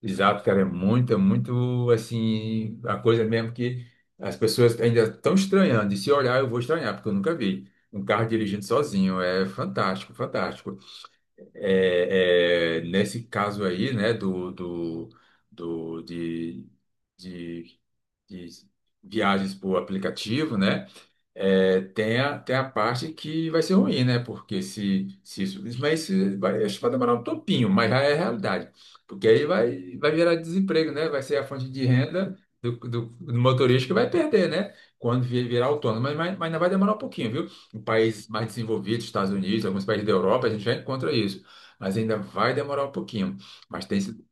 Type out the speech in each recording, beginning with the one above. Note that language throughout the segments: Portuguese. Exato, cara, é muito assim, a coisa mesmo que as pessoas ainda estão estranhando. E se olhar, eu vou estranhar, porque eu nunca vi um carro dirigindo sozinho. É fantástico, fantástico. É, nesse caso aí, né, do de, de, de viagens por aplicativo, né? É, tem a parte que vai ser ruim, né? Porque se isso. isso- Mas isso vai, acho que vai demorar um topinho, mas já é realidade. Porque aí vai gerar desemprego, né? Vai ser a fonte de renda do motorista que vai perder, né? Quando virar autônomo. Mas ainda vai demorar um pouquinho, viu? Em países mais desenvolvidos, Estados Unidos, alguns países da Europa, a gente já encontra isso. Mas ainda vai demorar um pouquinho. Mas tem. esse-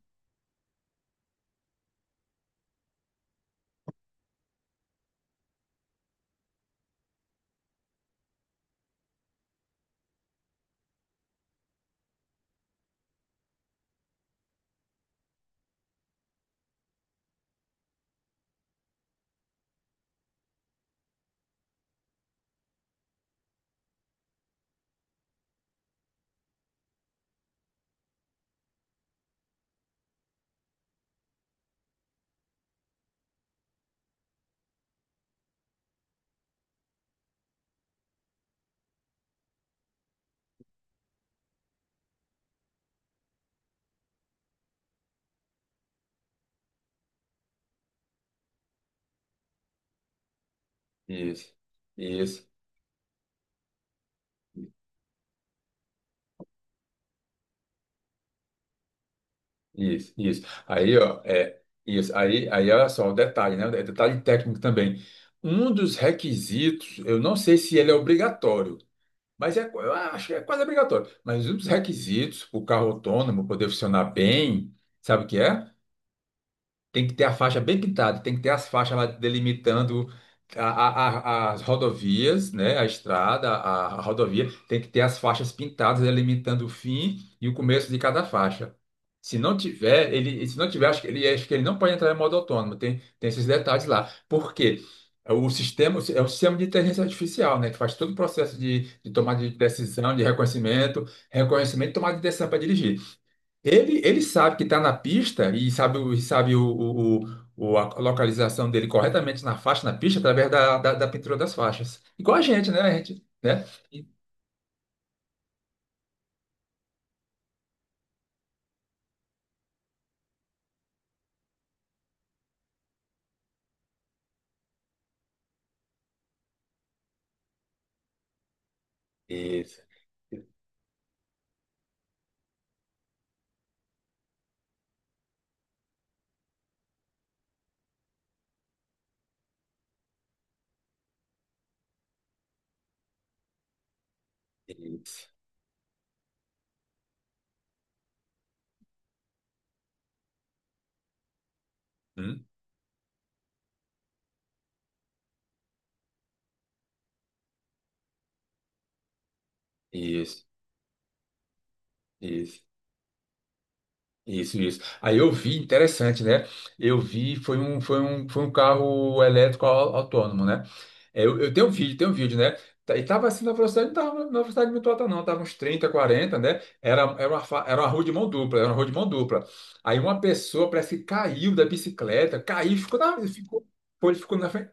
Isso. Isso. Isso, isso. Aí, ó, é, isso. Aí, olha só, o detalhe, né? É detalhe técnico também. Um dos requisitos, eu não sei se ele é obrigatório, mas eu acho que é quase obrigatório. Mas um dos requisitos para o carro autônomo poder funcionar bem, sabe o que é? Tem que ter a faixa bem pintada, tem que ter as faixas lá delimitando a- a- as rodovias, né? A estrada, a rodovia, tem que ter as faixas pintadas delimitando o fim e o começo de cada faixa. Se não tiver, acho que ele não pode entrar em modo autônomo. Tem esses detalhes lá. Por quê? É. O sistema é o sistema de inteligência artificial, né? Que faz todo o processo de tomada de decisão, de reconhecimento, reconhecimento e tomada de decisão para dirigir. Ele sabe que está na pista e sabe a localização dele corretamente na faixa, na pista, através da pintura das faixas. Igual a gente, né? A gente, né? Isso, isso, hum, isso, isso, isso, isso. Aí eu vi, interessante, né? Eu vi, foi um carro elétrico autônomo, né? É, eu tenho um vídeo, tem um vídeo, né? E tava assim na velocidade, não tava na velocidade muito alta, não. Tava uns 30, 40, né? Era uma rua de mão dupla, era uma rua de mão dupla. Aí uma pessoa parece que caiu da bicicleta, caiu, ficou na frente.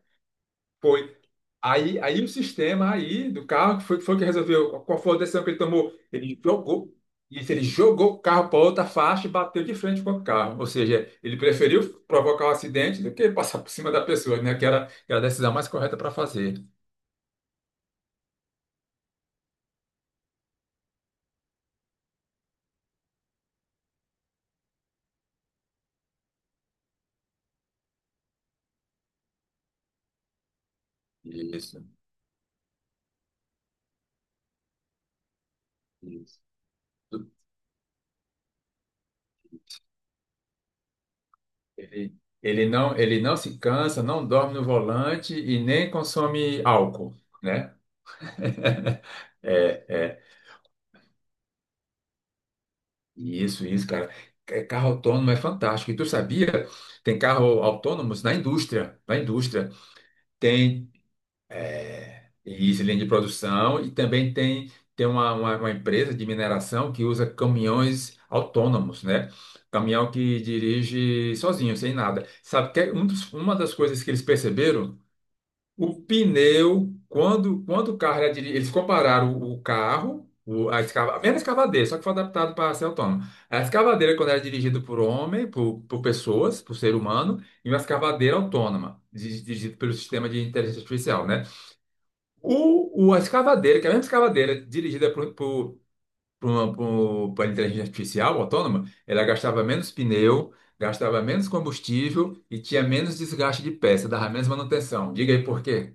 Foi. Aí o sistema aí do carro que foi que resolveu. Qual foi a decisão que ele tomou? Ele jogou. Isso, ele jogou o carro para outra faixa e bateu de frente com o carro. Ou seja, ele preferiu provocar o acidente do que passar por cima da pessoa, né? Que era a decisão mais correta para fazer. Isso, isso. Ele, ele não se cansa, não dorme no volante e nem consome álcool, né? É, é. Isso, cara. Carro autônomo é fantástico. E tu sabia? Tem carro autônomos na indústria, na indústria. Tem. É, e isso, linha de produção, e também tem uma empresa de mineração que usa caminhões autônomos, né? Caminhão que dirige sozinho, sem nada. Sabe que é uma das coisas que eles perceberam? O pneu, quando, quando o carro era diri- eles compararam o carro, a mesma escavadeira, só que foi adaptado para ser autônomo. A escavadeira, quando era dirigida por homem, por pessoas, por ser humano, e uma escavadeira autônoma, dirigida pelo sistema de inteligência artificial, né? A escavadeira, que é a mesma escavadeira dirigida por inteligência artificial autônoma, ela gastava menos pneu, gastava menos combustível e tinha menos desgaste de peça, dava menos manutenção. Diga aí por quê?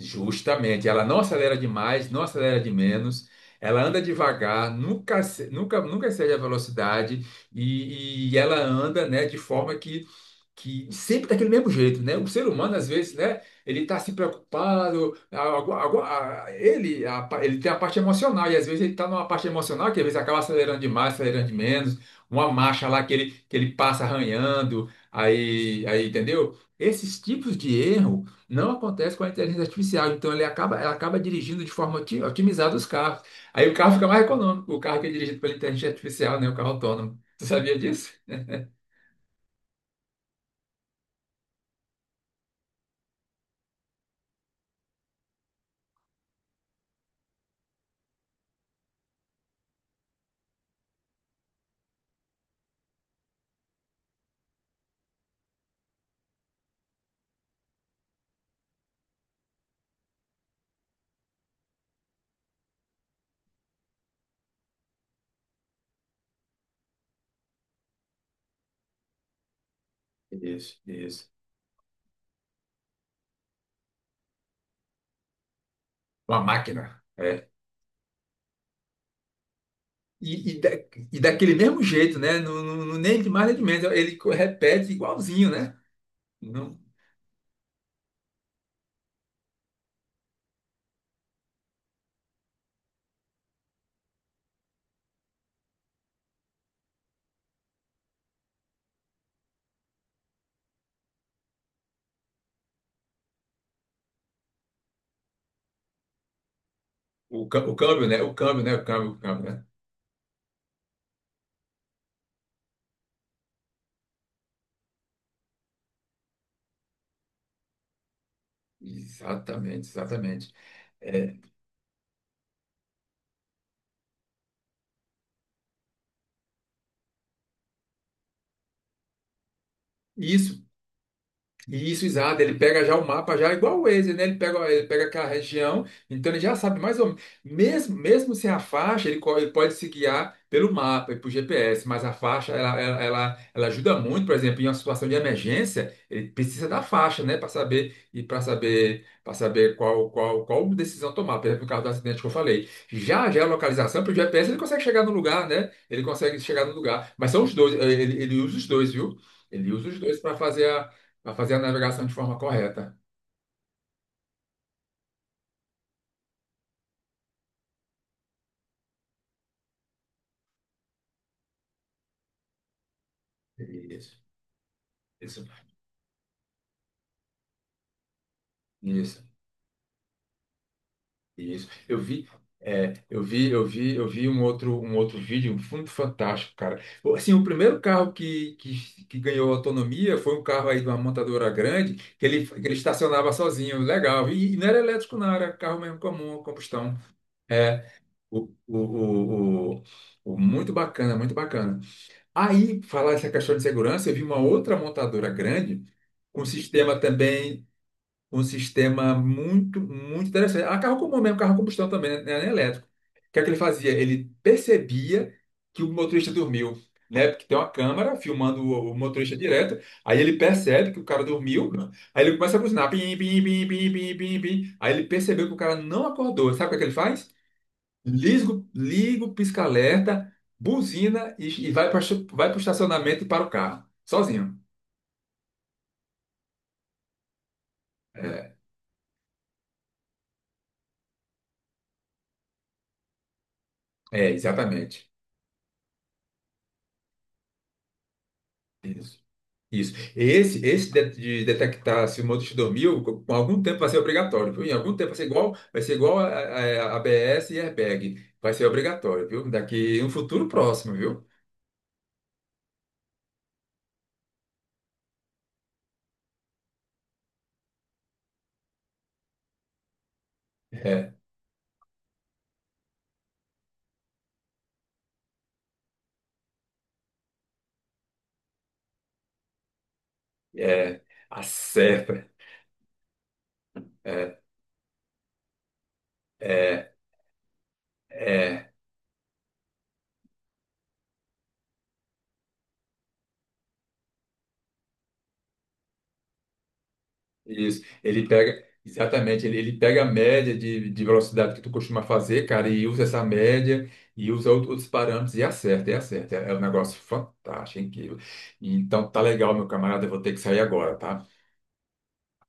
Justamente, ela não acelera demais, não acelera de menos, ela anda devagar, nunca, ace- nunca, nunca excede a velocidade e ela anda, né, de forma que sempre daquele mesmo jeito, né? O ser humano, às vezes, né? Ele tá se preocupado, ele tem a parte emocional, e às vezes ele tá numa parte emocional que às vezes acaba acelerando demais, acelerando de menos, uma marcha lá que ele, passa arranhando, aí, entendeu? Esses tipos de erro não acontecem com a inteligência artificial, então ela acaba dirigindo de forma otimizada os carros. Aí o carro fica mais econômico, o carro que é dirigido pela inteligência artificial, né? O carro autônomo. Tu sabia disso? Isso, isso. Uma máquina. É. E, e, da- e daquele mesmo jeito, né? Não, nem de mais nem de menos. Ele repete igualzinho, né? Não, o câmbio, né? O câmbio, né? O câmbio, né? Exatamente, exatamente. É. E isso, exato. Ele pega já o mapa, já igual o Waze, né? Ele pega aquela região, então ele já sabe mais ou menos. Mesmo, mesmo sem a faixa, ele pode se guiar pelo mapa e por GPS, mas a faixa, ela ajuda muito, por exemplo, em uma situação de emergência, ele precisa da faixa, né? Para saber e para saber qual decisão tomar. Por exemplo, o caso do acidente que eu falei. Já a localização, pelo GPS, ele consegue chegar no lugar, né? Ele consegue chegar no lugar. Mas são os dois, ele usa os dois, viu? Ele usa os dois para fazer a navegação de forma correta. Isso, isso, isso, isso. Eu vi, é, eu vi, eu vi, eu vi um outro vídeo muito fantástico, cara. Assim, o primeiro carro que ganhou autonomia foi um carro aí de uma montadora grande que ele, estacionava sozinho, legal. E, não era elétrico, não, era carro mesmo comum, combustão. É, o, o, o, o- muito bacana, muito bacana. Aí, falar essa questão de segurança, eu vi uma outra montadora grande com sistema também um sistema muito, muito interessante. Ah, carro comum mesmo, carro a combustão também, né? Nem elétrico. O que é que ele fazia? Ele percebia que o motorista dormiu, né? Porque tem uma câmera filmando o motorista direto, aí ele percebe que o cara dormiu, aí ele começa a buzinar, pim, pim, pim, pim, pim, pim, pim. Aí ele percebeu que o cara não acordou. Sabe o que é que ele faz? Liga o pisca-alerta, buzina e vai para vai o estacionamento e para o carro, sozinho. É, é, exatamente. Isso. Esse de detectar se o motorista dormiu, com algum tempo vai ser obrigatório, viu? Em algum tempo vai ser igual a ABS e airbag. Vai ser obrigatório, viu? Daqui um futuro próximo, viu? É, é. Acerta. É, é, é. Isso. Ele pega, exatamente, ele pega a média de velocidade que tu costuma fazer, cara, e usa essa média e usa outros parâmetros e acerta, e acerta. É um negócio fantástico, incrível. Então tá legal, meu camarada, eu vou ter que sair agora, tá?